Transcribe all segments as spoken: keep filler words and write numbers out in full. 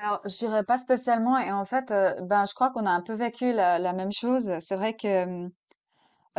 Alors, je dirais pas spécialement. Et en fait, euh, ben, je crois qu'on a un peu vécu la, la même chose. C'est vrai que euh,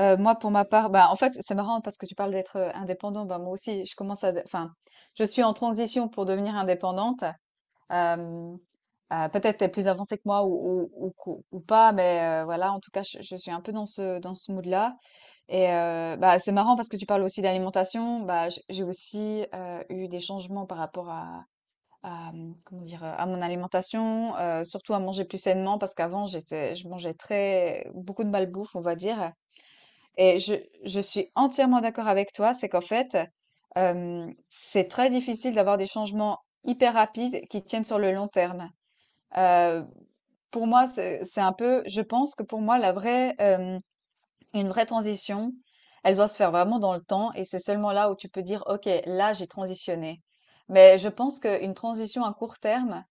euh, moi, pour ma part, ben, en fait, c'est marrant parce que tu parles d'être euh, indépendant. Ben, moi aussi, je commence à, de- enfin, je suis en transition pour devenir indépendante. Euh, euh, Peut-être t'es plus avancée que moi ou, ou, ou, co- ou pas, mais euh, voilà. En tout cas, je, je suis un peu dans ce dans ce mood-là. Et euh, bah, c'est marrant parce que tu parles aussi d'alimentation. Bah, j- j'ai aussi euh, eu des changements par rapport à à, mmh, comment dire? À mon alimentation, heu, surtout à manger plus sainement parce qu'avant j'étais je mangeais très beaucoup de malbouffe, on va dire, et je je suis entièrement d'accord avec toi. C'est qu'en fait, hem, c'est très difficile d'avoir des changements hyper rapides qui tiennent sur le long terme. Heu, pour moi, c'est c'est un peu, je pense que pour moi la vraie, hem une vraie transition, elle doit se faire vraiment dans le temps, et c'est seulement là où tu peux dire, OK, là, j'ai transitionné. Mais je pense qu'une transition à court terme,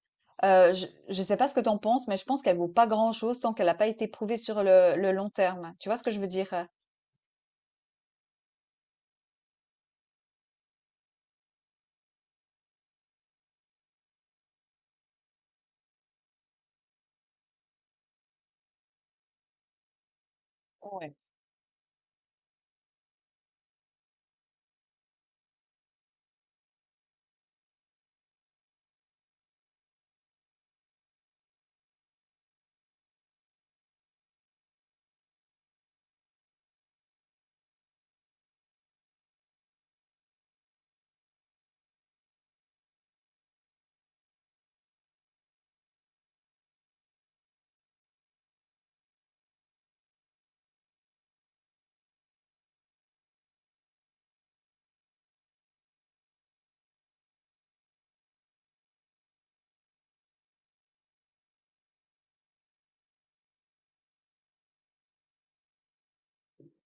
euh, je ne sais pas ce que tu en penses, mais je pense qu'elle vaut pas grand-chose tant qu'elle n'a pas été prouvée sur le, le long terme. Tu vois ce que je veux dire? Ouais,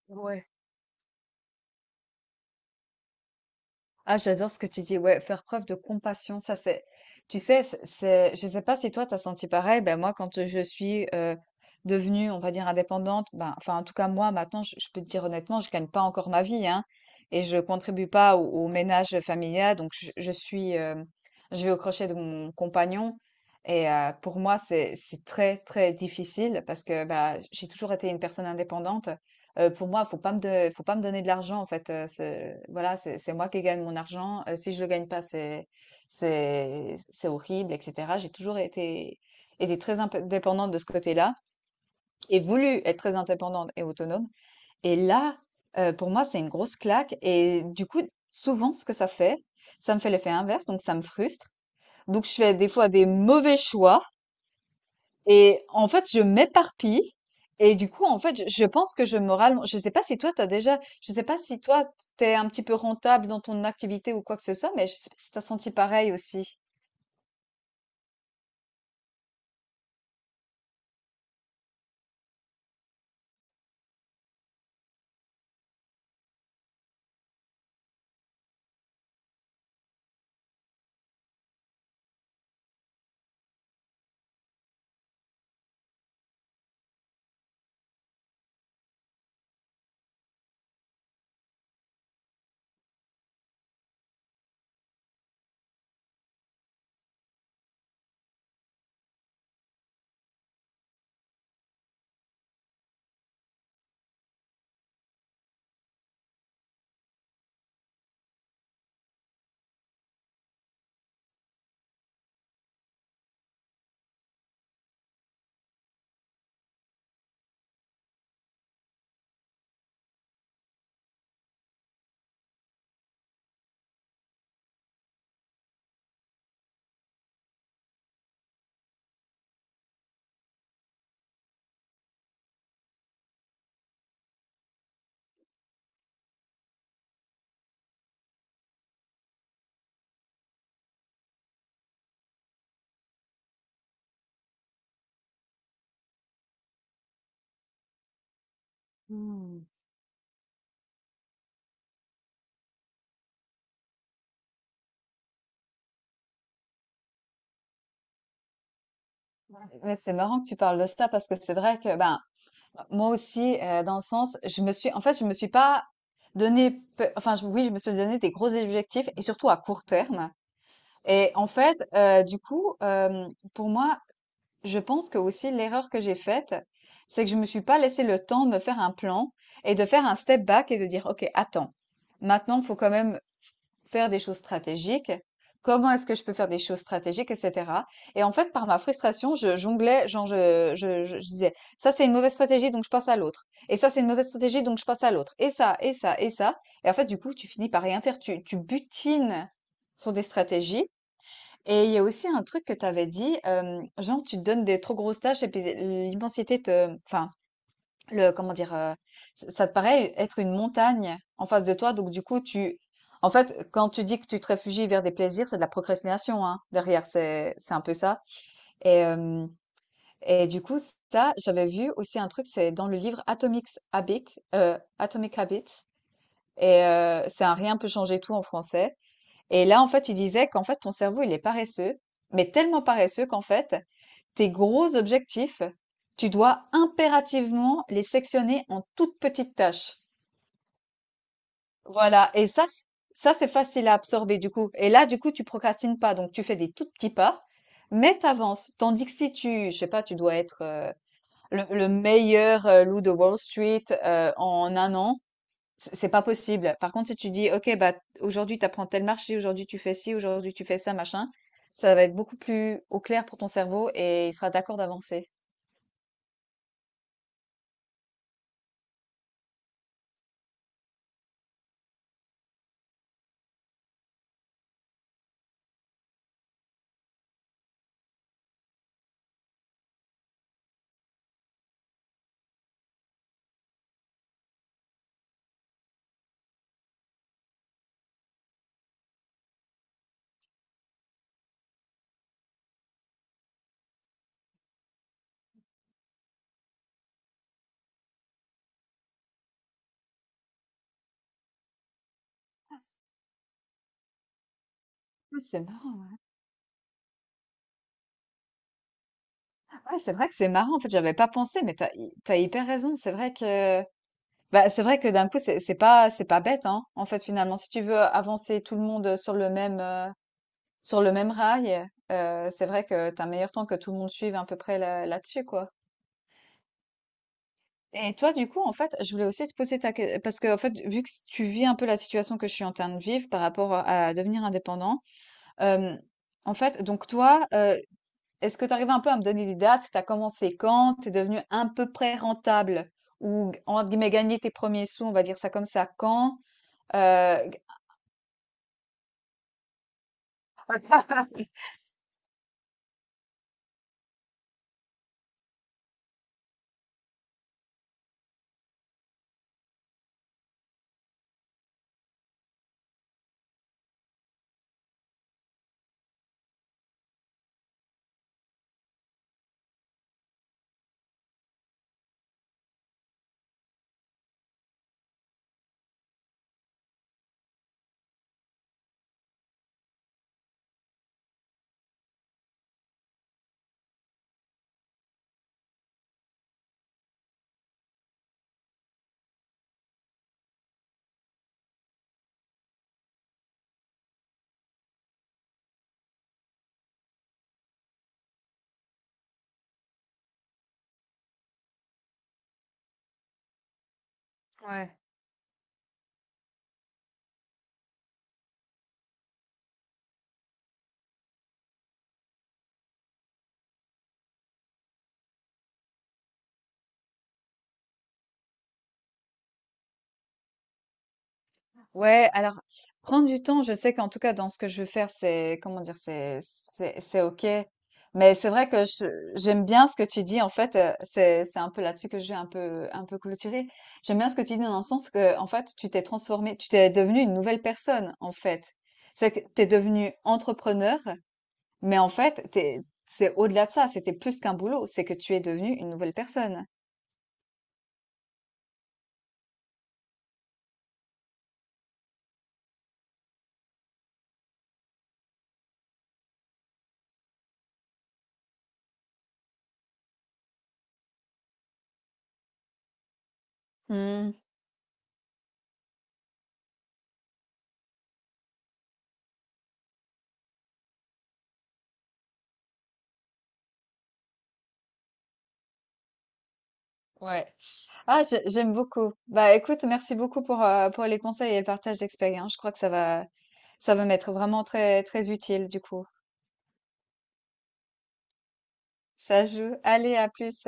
ouais. Ah, j'adore ce que tu dis. Ouais, faire preuve de compassion, ça c'est. Tu sais, c'est, c'est- je sais pas si toi t'as senti pareil. Ben moi, quand je suis euh, devenue, on va dire indépendante, ben enfin en tout cas moi maintenant, je, je peux te dire honnêtement, je gagne pas encore ma vie, hein, et je contribue pas au, au ménage familial. Donc je, je suis, euh, je vais au crochet de mon compagnon. Et euh, pour moi, c'est c'est très très difficile parce que bah, j'ai toujours été une personne indépendante. Heu, pour moi, faut pas me de faut pas me donner de l'argent en fait, heu, c'est voilà, c'est c'est moi qui gagne mon argent, heu, si je le gagne pas, c'est c'est c'est horrible et cetera. J'ai toujours été été très indépendante de ce côté-là et voulu être très indépendante et autonome, et là, heu, pour moi, c'est une grosse claque, et du coup, souvent, ce que ça fait, ça me fait l'effet inverse, donc ça me frustre. Donc je fais des fois des mauvais choix, et en fait, je m'éparpille, et du coup, en fait, je je pense que je me rallonge. Je sais pas si toi, t'as déjà, je sais pas si toi, t'es un petit peu rentable dans ton activité ou quoi que ce soit, mais je sais pas si t'as senti pareil aussi. Hmm. Ouais, c'est marrant que tu parles de ça parce que c'est vrai que ben moi aussi euh, dans le sens je me suis en fait je me suis pas donné, pe- enfin je- oui je me suis donné des gros objectifs et surtout à court terme. Et en fait, euh, du coup euh, pour moi je pense que aussi l'erreur que j'ai faite, c'est que je me suis pas laissé le temps de me faire un plan et de faire un step back et de dire, OK, attends, maintenant, il faut quand même faire des choses stratégiques. Comment est-ce que je peux faire des choses stratégiques, et cetera. Et en fait, par ma frustration, je jonglais, genre je, je, je- je disais, ça c'est une mauvaise stratégie, donc je passe à l'autre. Et ça c'est une mauvaise stratégie, donc je passe à l'autre. Et ça, et ça, et ça. Et en fait, du coup, tu finis par rien faire. Tu, tu butines sur des stratégies, et il y a aussi un truc que tu avais dit, hem, genre tu te donnes des trop grosses tâches et puis l'immensité te enfin, le comment dire? Heu, ç Ça te paraît être une montagne en face de toi, donc du coup tu en fait, quand tu dis que tu te réfugies vers des plaisirs, c'est de la procrastination, hein, derrière, c'est c'est un peu ça. Et hem et du coup Ça, j'avais vu aussi un truc, c'est dans le livre Atomics Habits, heu, Atomic Habits, et heu, c'est Un rien peut changer tout en français. Et là, en fait, il disait qu'en fait, ton cerveau, il est paresseux, mais tellement paresseux qu'en fait, tes gros objectifs, tu dois impérativement les sectionner en toutes petites tâches. Voilà. Et ça, c- ça, c'est facile à absorber, du coup. Et là, du coup, tu procrastines pas. Donc, tu fais des tout petits pas, mais t'avances. Tandis que si tu, je sais pas, tu dois être euh, le, le meilleur euh, loup de Wall Street euh, en un an, c'est c'est pas possible. Par contre, si tu dis, OK, bah, aujourd'hui, tu apprends tel marché, aujourd'hui, tu fais ci, aujourd'hui, tu fais ça, machin, ça va être beaucoup plus au clair pour ton cerveau et il sera d'accord d'avancer. Ah, c- ah, c'est marrant. Ouais, Ouais, c'est vrai que c'est marrant. En fait, j'avais pas pensé, mais t'as, hy- t'as hyper raison. C'est vrai que, bah, c'est vrai que d'un coup, c'est, c'est pas, c'est pas bête, hein. En fait, finalement, si tu veux avancer tout le monde sur le même, euh, sur le même rail, euh, c'est vrai que t'as un meilleur temps que tout le monde suive à peu près là, là-dessus, quoi. Et toi, du coup, en fait, je voulais aussi te poser ta question, parce que, en fait, vu que tu vis un peu la situation que je suis en train de vivre par rapport à à devenir indépendant, euh, en fait, donc toi, euh, est-ce que tu arrives un peu à me donner des dates? Tu as commencé quand? Tu es devenu à peu près rentable? Ou, entre guillemets, gagner tes premiers sous, on va dire ça comme ça, quand? Euh, Ouais. Ouais, alors prendre du temps, je sais qu'en tout cas dans ce que je veux faire, c'est comment dire, c'est c'est c'est OK. Mais c'est vrai que je- j'aime bien ce que tu dis en fait, euh, c'est c'est un peu là-dessus que je vais un peu un peu clôturer. J'aime bien ce que tu dis dans le sens que en fait, tu t'es transformé, tu t'es devenu une nouvelle personne en fait. C'est que t'es devenu entrepreneur, mais en fait, t'es c'est au-delà de ça, c'était plus qu'un boulot, c'est que tu es devenu une nouvelle personne. Hmm, ouais. Ah, j'ai- j'aime beaucoup. Bah, écoute, merci beaucoup pour, euh, pour les conseils et le partage d'expérience. Je crois que ça va, ça va m'être vraiment très, très utile, du coup. Ça joue. Allez, à plus.